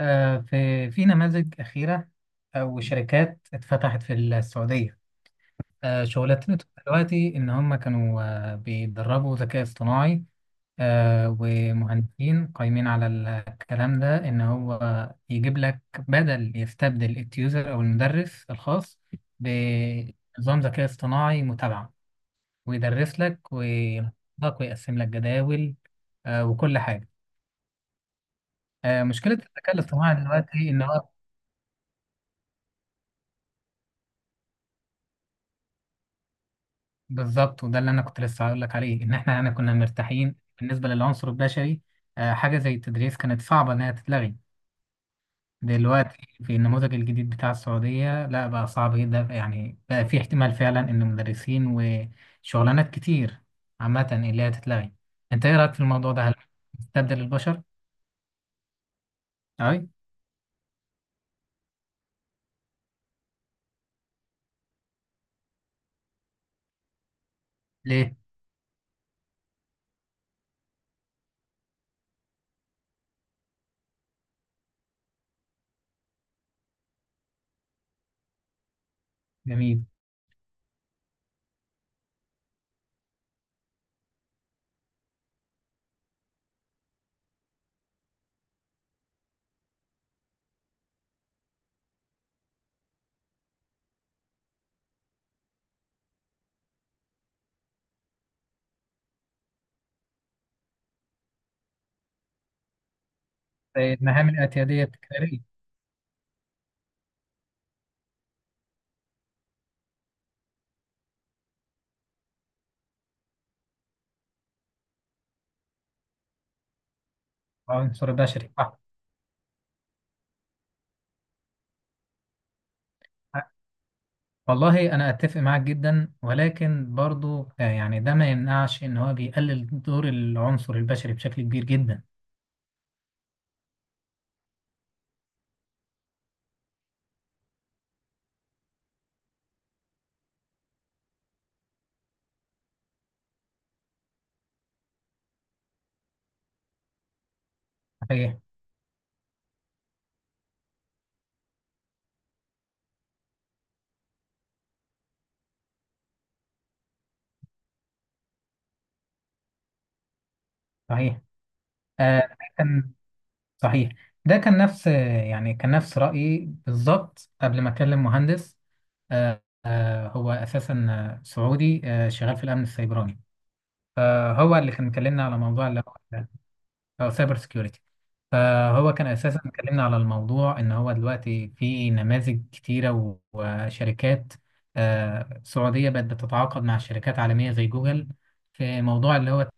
في نماذج أخيرة أو شركات اتفتحت في السعودية. شغلتنا دلوقتي إن هم كانوا بيدربوا ذكاء اصطناعي ومهندسين قايمين على الكلام ده إن هو يجيب لك، بدل يستبدل التيوزر أو المدرس الخاص، بنظام ذكاء اصطناعي متابعة، ويدرس لك وينظم لك ويقسم لك جداول وكل حاجة. مشكلة الذكاء الاصطناعي دلوقتي إن هو بالظبط، وده اللي انا كنت لسه هقول لك عليه، ان احنا يعني كنا مرتاحين بالنسبه للعنصر البشري. حاجه زي التدريس كانت صعبه انها تتلغي دلوقتي. في النموذج الجديد بتاع السعوديه لا، بقى صعب جدا، يعني بقى في احتمال فعلا ان مدرسين وشغلانات كتير عامه اللي هي تتلغي. انت ايه رايك في الموضوع ده؟ هل تستبدل البشر؟ اي. ليه؟ جميل. زي المهام الاتياديه التكراريه. العنصر البشري صح. والله أنا أتفق معاك جدا، ولكن برضو يعني ده ما يمنعش إن هو بيقلل دور العنصر البشري بشكل كبير جدا. صحيح. صحيح. آه، ده كان صحيح. ده كان نفس يعني كان نفس رأيي بالظبط قبل ما أكلم مهندس. هو أساسا سعودي شغال في الأمن السيبراني. فهو اللي كان مكلمنا على موضوع اللي هو او سايبر سكيورتي. فهو كان اساسا اتكلمنا على الموضوع، ان هو دلوقتي في نماذج كتيره وشركات سعوديه بقت بتتعاقد مع شركات عالميه زي جوجل في موضوع اللي هو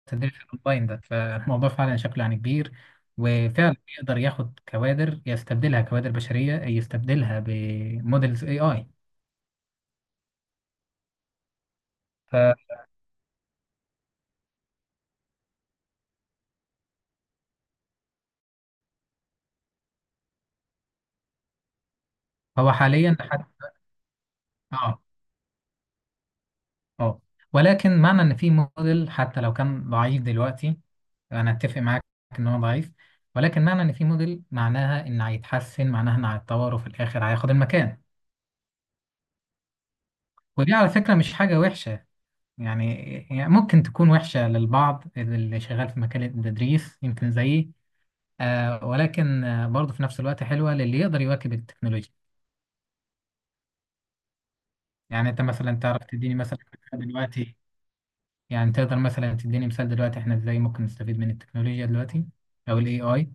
التدريب الاونلاين ده. فالموضوع فعلا شكله يعني كبير، وفعلا يقدر ياخد كوادر، يستبدلها كوادر بشريه، يستبدلها بموديلز اي اي. فهو حاليا حتى، اه، اه، ولكن معنى ان في موديل، حتى لو كان ضعيف دلوقتي، انا اتفق معاك ان هو ضعيف، ولكن معنى ان في موديل معناها ان هيتحسن، معناها ان هيتطور، وفي الاخر هياخد المكان. ودي على فكره مش حاجه وحشه، يعني، ممكن تكون وحشه للبعض اللي شغال في مكان التدريس يمكن زيي. ولكن برضه في نفس الوقت حلوه للي يقدر يواكب التكنولوجيا. يعني انت مثلا تعرف تديني مثلا دلوقتي، يعني تقدر مثلا تديني مثال دلوقتي احنا ازاي ممكن نستفيد من التكنولوجيا دلوقتي او الاي اي؟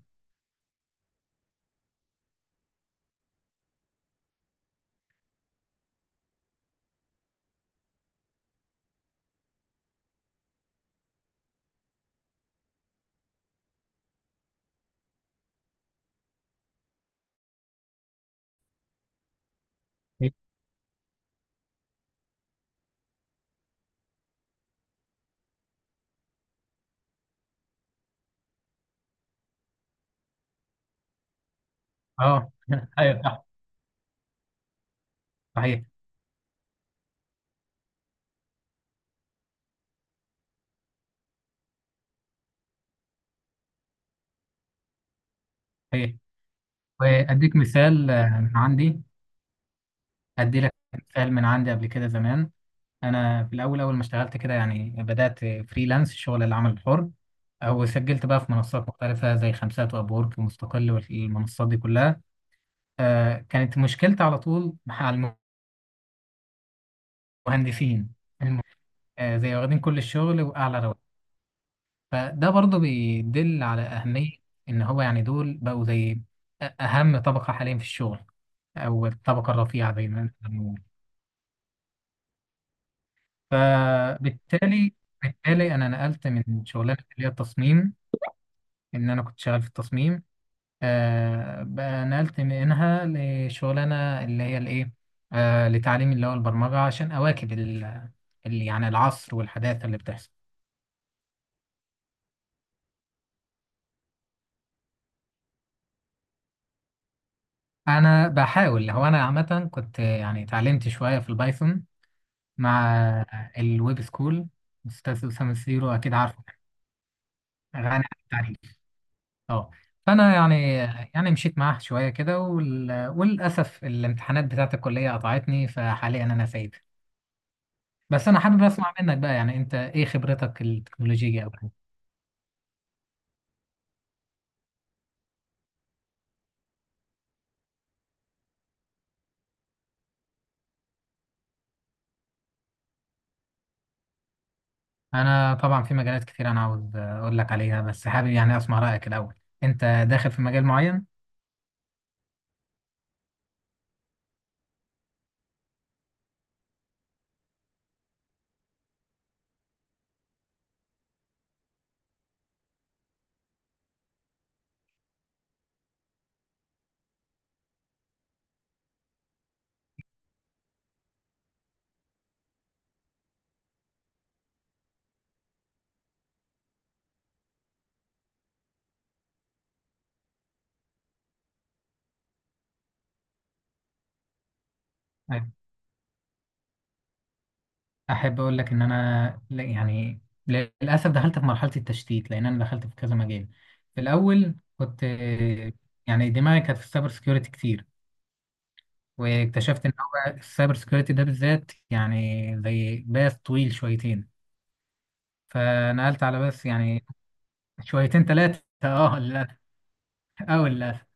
اه ايوه صح. صحيح. صحيح. وأديك مثال من عندي. أدي لك مثال من عندي قبل كده زمان. أنا في الأول، أول ما اشتغلت كده يعني، بدأت فريلانس شغل العمل الحر، أو سجلت بقى في منصات مختلفة زي خمسات وأبورك ومستقل والمنصات دي كلها. كانت مشكلتي على طول مع المهندسين. الم- زي واخدين كل الشغل وأعلى رواتب. فده برضه بيدل على أهمية إن هو، يعني دول بقوا زي أهم طبقة حاليا في الشغل، أو الطبقة الرفيعة دايما. فبالتالي، انا نقلت من شغلانه اللي هي التصميم، ان انا كنت شغال في التصميم بقى، نقلت منها لشغلانه اللي هي الايه، لتعليم اللي هو البرمجه، عشان اواكب يعني العصر والحداثه اللي بتحصل. انا بحاول، هو انا عامه كنت يعني اتعلمت شويه في البايثون مع الويب سكول. استاذ اسامه سيرو اكيد عارفه، غني عن التعريف. اه. فانا يعني، يعني مشيت معاه شويه كده وللاسف الامتحانات بتاعت الكليه قطعتني، فحاليا انا سايب. بس انا حابب اسمع منك بقى، يعني انت ايه خبرتك التكنولوجيه او كده؟ انا طبعا في مجالات كتير انا عاوز اقول لك عليها، بس حابب يعني اسمع رايك الاول. انت داخل في مجال معين؟ أيوة. احب اقول لك ان انا يعني للاسف دخلت في مرحله التشتيت، لان انا دخلت في كذا مجال. في الاول كنت، يعني دماغي كانت في السايبر سكيورتي كتير، واكتشفت ان هو السايبر سكيورتي ده بالذات يعني زي باث طويل شويتين. فنقلت على باث يعني شويتين ثلاثه، اه للاسف، او للاسف.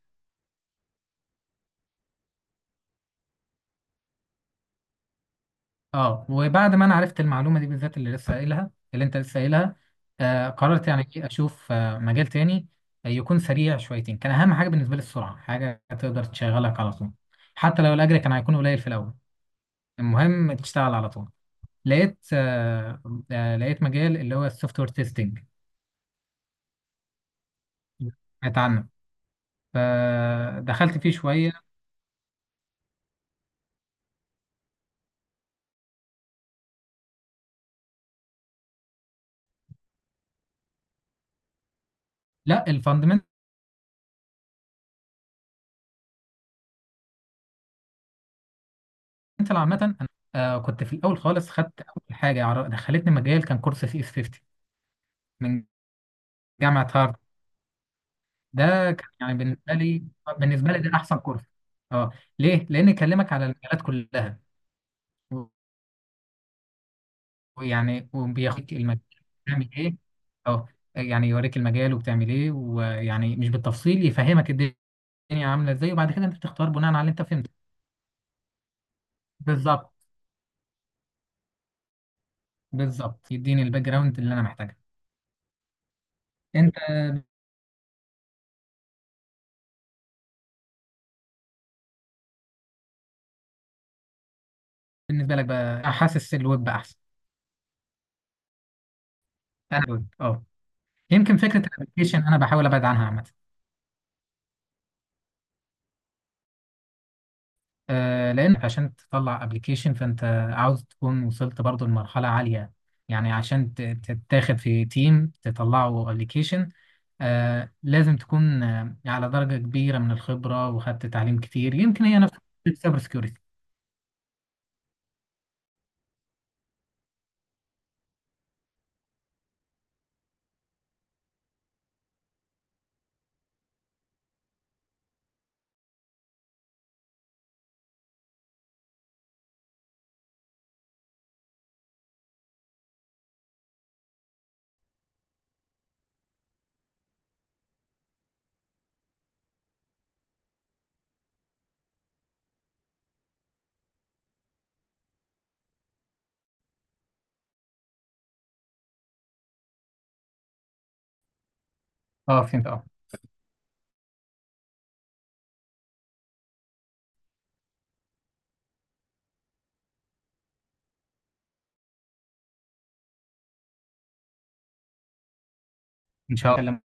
اه وبعد ما انا عرفت المعلومه دي بالذات، اللي لسه قايلها، اللي انت لسه قايلها، قررت يعني إيه، اشوف مجال تاني يكون سريع شويتين. كان اهم حاجه بالنسبه لي السرعه، حاجه تقدر تشغلك على طول، حتى لو الاجر كان هيكون قليل في الاول، المهم تشتغل على طول. لقيت لقيت مجال اللي هو السوفت وير تيستنج. سمعت عنه، فدخلت فيه شويه. لا، الفاندمنتال. عامه انا كنت في الاول خالص، خدت اول حاجه دخلتني مجال، كان كورس سي اس 50 من جامعه هارفارد. ده كان يعني بالنسبه لي، بالنسبه لي ده احسن كورس. اه. ليه؟ لان يكلمك على المجالات كلها و- ويعني وبياخدك المجال بتعمل ايه. اه، يعني يوريك المجال وبتعمل ايه، ويعني مش بالتفصيل يفهمك الدنيا عامله ازاي، وبعد كده انت بتختار بناء على اللي انت فهمته. بالظبط. بالظبط، يديني الباك جراوند اللي انا محتاجها. انت، بالنسبه لك بقى حاسس الويب بقى احسن؟ انا الويب اه. يمكن فكره الابلكيشن انا بحاول ابعد عنها عامه. لان عشان تطلع ابلكيشن فانت عاوز تكون وصلت برضو لمرحله عاليه، يعني عشان تتاخد في تيم تطلعوا ابلكيشن لازم تكون على درجه كبيره من الخبره وخدت تعليم كتير، يمكن هي نفس السايبر سكيورتي. اه فهمت. اه. ان شاء الله.